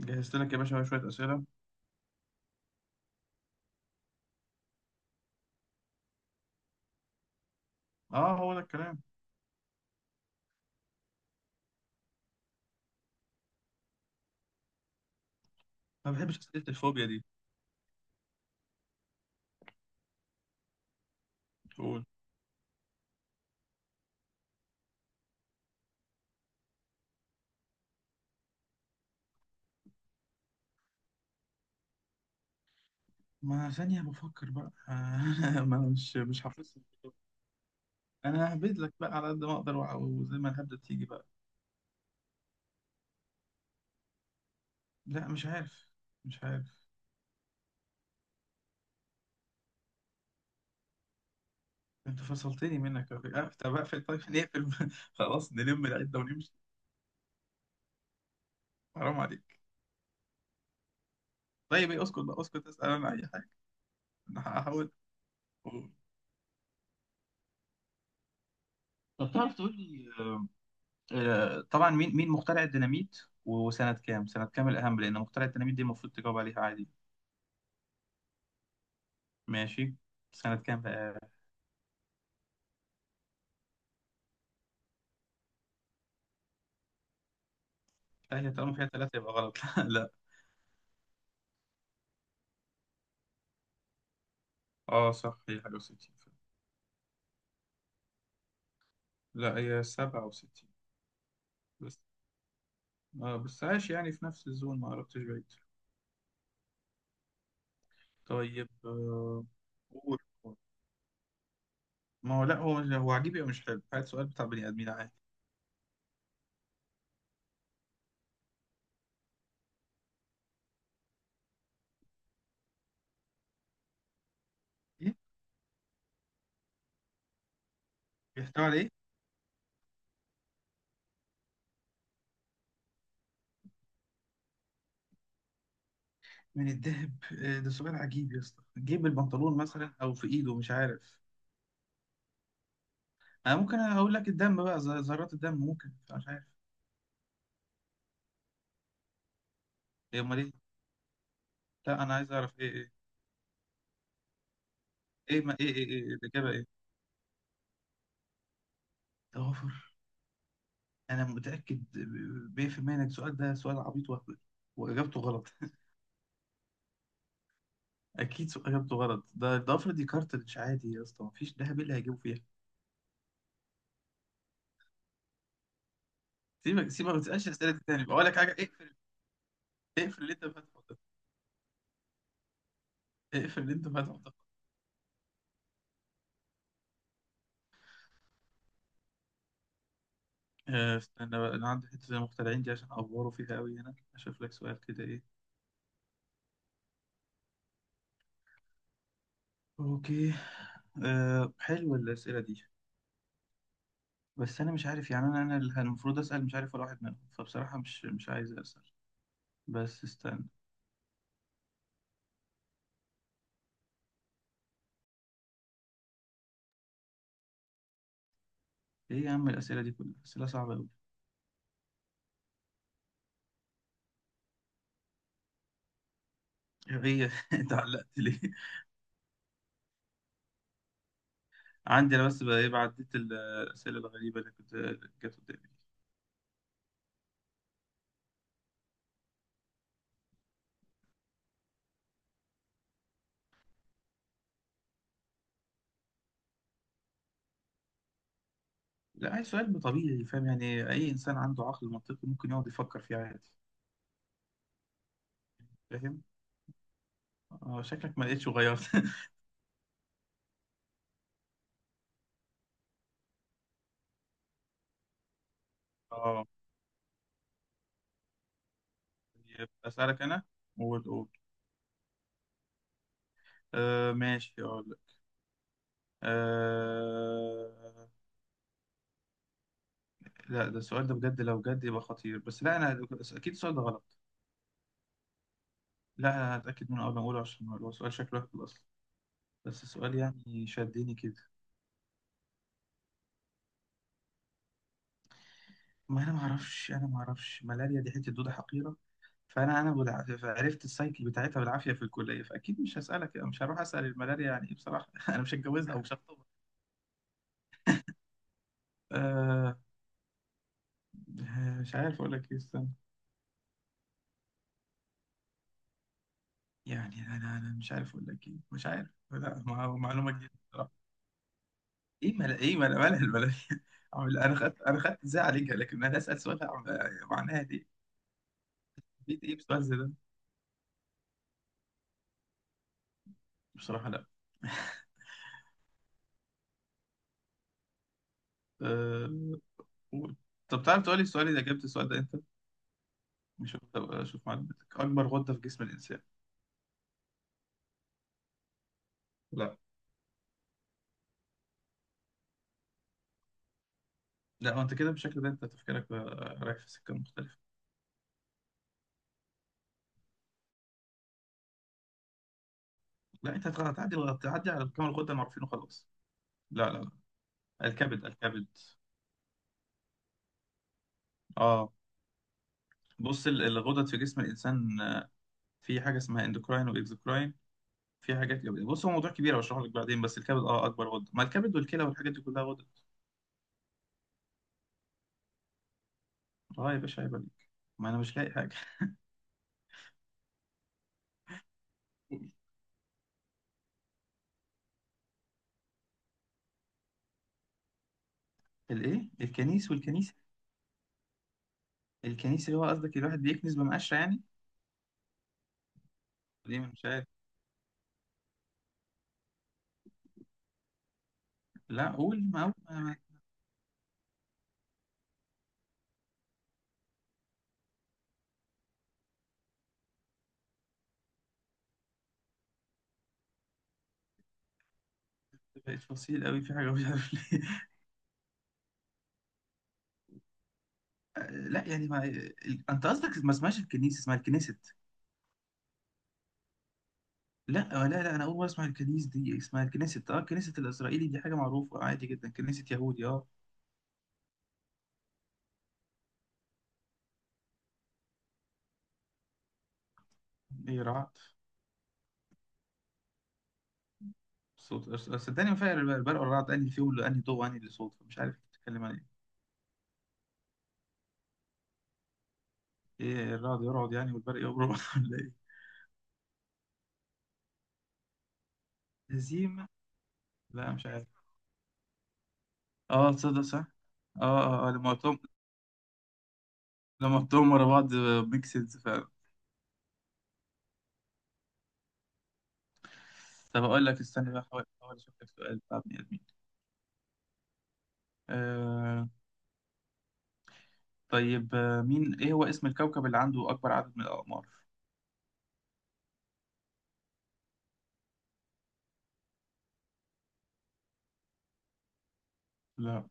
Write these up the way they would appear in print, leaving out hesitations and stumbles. جهزت لك يا باشا شوية أسئلة. اه، هو ده الكلام. ما بحبش أسئلة الفوبيا دي. تقول، ما ثانية بفكر بقى ما أنا ما مش مش حافظ. أنا ههبد لك بقى على قد ما أقدر وزي ما الهبدة تيجي بقى. لا مش عارف، مش عارف. أنت فصلتني منك يا أخي. آه، طب أقفل، طيب نقفل خلاص نلم العدة ونمشي. حرام عليك. طيب إيه، اسكت بقى اسكت، أسأل أنا أي حاجة. أنا هحاول. طب تعرف تقول لي، آه، طبعا، مين مخترع الديناميت؟ وسنة كام، سنة كام الأهم، لأن مخترع الديناميت دي المفروض تجاوب عليها عادي. ماشي، سنة كام بقى؟ لا، هي طالما فيها ثلاثة يبقى غلط لا. اه صح، هي حاجة وستين. لا، هي سبعة وستين. بس آه، بس عايش يعني في نفس الزون، ما قربتش بعيد. طيب آه، قول. قول. ما هو لا، هو هو عجيب أو مش حلو، هات سؤال بتاع بني آدمين عادي. إيه، بيحتوي على إيه من الذهب؟ آه، ده سؤال عجيب يا اسطى، جيب البنطلون مثلا أو في إيده، مش عارف. انا ممكن اقول لك الدم بقى، ذرات الدم ممكن، مش عارف. ايه امال ايه؟ لا انا عايز اعرف ايه، ايه ايه؟ ما ايه ايه، إيه الاجابه، ايه؟ توافر؟ انا متاكد 100% انك السؤال ده سؤال عبيط وهبل، واجابته غلط اكيد سؤال اجابته غلط، ده الضفر دي كارتريدج عادي يا اسطى، مفيش دهب، إيه اللي هيجيبه فيها؟ سيبك سيبك، ما تسالش اسئله تاني، بقول لك حاجه اقفل. اقفل اللي انت فاتحه ده. اقفل اللي انت فاتحه ده. آه، استنى بقى، انا عندي حته المخترعين دي عشان افوره فيها قوي، هنا اشوف لك سؤال كده، ايه. اوكي. أه، حلوة الأسئلة دي. بس انا مش عارف يعني، انا اللي المفروض اسال، مش عارف ولا واحد منهم، فبصراحه مش عايز اسال. بس استنى. ايه يا عم، الاسئله دي كلها اسئله صعبه قوي. ايه، اتعلقت ليه؟ عندي انا بس بقى، ايه، عديت الاسئله الغريبه اللي كنت جت قدامي دي. لا، عايز سؤال طبيعي، فاهم، يعني اي انسان عنده عقل منطقي ممكن يقعد يفكر فيه عادي. فاهم. اه شكلك ما لقيتش غيرت اه. يبقى اسالك انا وتقول. آه ماشي، اقول لك. آه، لا، ده السؤال ده بجد، لو جد يبقى خطير، بس لا، انا اكيد السؤال ده غلط. لا انا هتاكد منه قبل ما اقوله، عشان هو سؤال شكله هبل اصلا. بس السؤال يعني شدني كده. ما انا ما اعرفش، انا ما اعرفش، ملاريا دي حته دوده حقيره، فانا انا عرفت السايكل بتاعتها بالعافيه في الكليه، فاكيد مش هسالك، مش هروح اسال الملاريا يعني ايه بصراحه انا مش هتجوزها او مش... آه، مش عارف اقول لك ايه، استنى. يعني انا انا مش عارف اقول لك ايه، مش عارف، لا معلومه جديده. ايه مل... ايه مل... مالها الملاهي انا خدت، انا خدت ازاي عليك؟ لكن انا اسال سؤال معناها دي، بيت ايه بسؤال زي ده؟ بصراحه لا. أه، قول. طب تعرف تقولي السؤال اذا جبت السؤال ده انت؟ مش هبقى اشوف معلوماتك. اكبر غده في جسم الانسان؟ لا. لا، انت كده بالشكل ده انت تفكيرك بقى رايح في سكه مختلفه. لا، انت هتغ- هتعدي تعدي على كام الغده المعروفين وخلاص. لا، الكبد، الكبد. اه. بص، الغدد في جسم الانسان آه، في حاجه اسمها اندوكراين واكزوكراين، في حاجات جميله، بص هو موضوع كبير هشرحه لك بعدين، بس الكبد، اه، اكبر غده، ما الكبد والكلى والحاجات دي كلها غده. اه يا باشا، عيب عليك، ما انا مش لاقي حاجه الايه، الكنيس والكنيسه؟ الكنيسه اللي هو قصدك الواحد بيكنس بمقشره يعني؟ ليه مش عارف. لا قول، ما قول، ما ما-. بقيت فصيل قوي في حاجه مش عارف ليه لا يعني ما ال-، انت قصدك ما اسمهاش الكنيسه، اسمها الكنيست. لا آه، لا لا، انا اول مره اسمع الكنيس دي، اسمها الكنيست، اه الكنيست الاسرائيلي دي حاجه معروفه عادي جدا، كنيسه يهودي اه. ايه رعت؟ صوت صدقني ما فرق البرق، البرق والرعد انهي فيهم اللي انهي ضوء انهي اللي صوت، فمش عارف بتتكلم عن ايه. ايه، الرعد يرعد يعني والبرق يبرق ولا ايه؟ هزيمة؟ لا، مش عارف. اه تصدق صح. اه اه آه، لما قلتهم، لما قلتهم ورا بعض، ميكسز فعلا. طب اقول لك، استنى بقى، احاول احاول اشوف لك سؤال بتاع بني ادمين. آه. طيب آه، مين، ايه هو اسم الكوكب اللي عنده اكبر عدد من الاقمار؟ لا.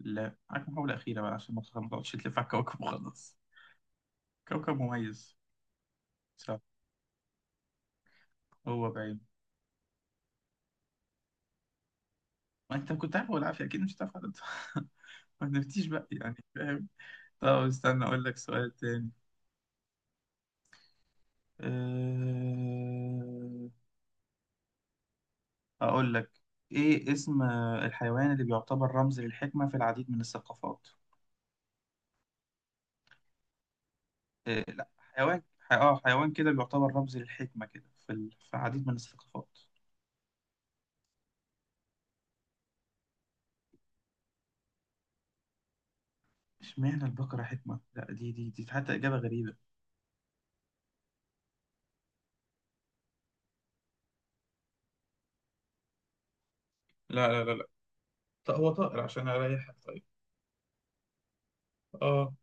لا، معاك محاولة أخيرة بقى عشان ما تقعدش تلف على الكوكب وخلاص. كوكب مميز. صح. هو بعيد. ما انت كنت عارف والعافية، اكيد مش هتعرف عدد ما نفتيش بقى يعني، فاهم. طب استنى اقول لك سؤال تاني. أه، اقول لك، ايه اسم الحيوان اللي بيعتبر رمز للحكمة في العديد من الثقافات؟ أه، لا. حيوان اه حيوان كده بيعتبر رمز للحكمة كده في ال... في عديد من الثقافات. اشمعنى البقرة حكمة؟ لا، دي حتى إجابة غريبة. لا. طب هو طائر، عشان اريحك طيب. اه.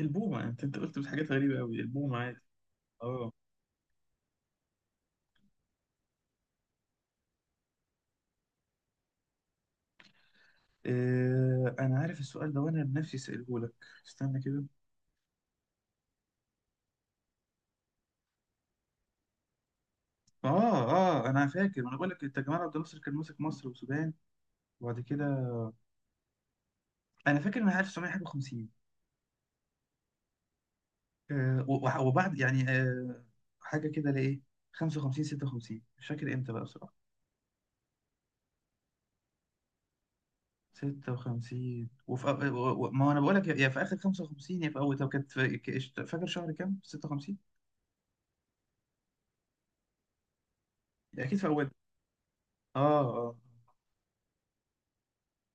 البومة، انت قلت حاجات غريبة قوي، البومة عادي. اه. آه، انا عارف السؤال ده وانا بنفسي سأله لك، استنى كده. اه اه، انا فاكر، وانا بقول لك انت، جمال عبد الناصر كان ماسك مصر والسودان، وبعد كده انا فاكر ان 1950، آه وبعد يعني آه حاجه كده لايه 55، 56، مش فاكر امتى بقى بصراحه. 56، وفي أو... ما انا بقول لك، يا في اخر 55 يا في اول، طب كانت في... ك- فاكر شهر كام 56؟ اكيد في اول، اه اه.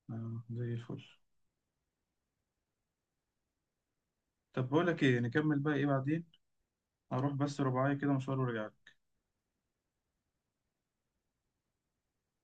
اه زي الفل. طب بقول لك ايه، نكمل بقى ايه بعدين، اروح بس رباعية كده مشوار وارجع.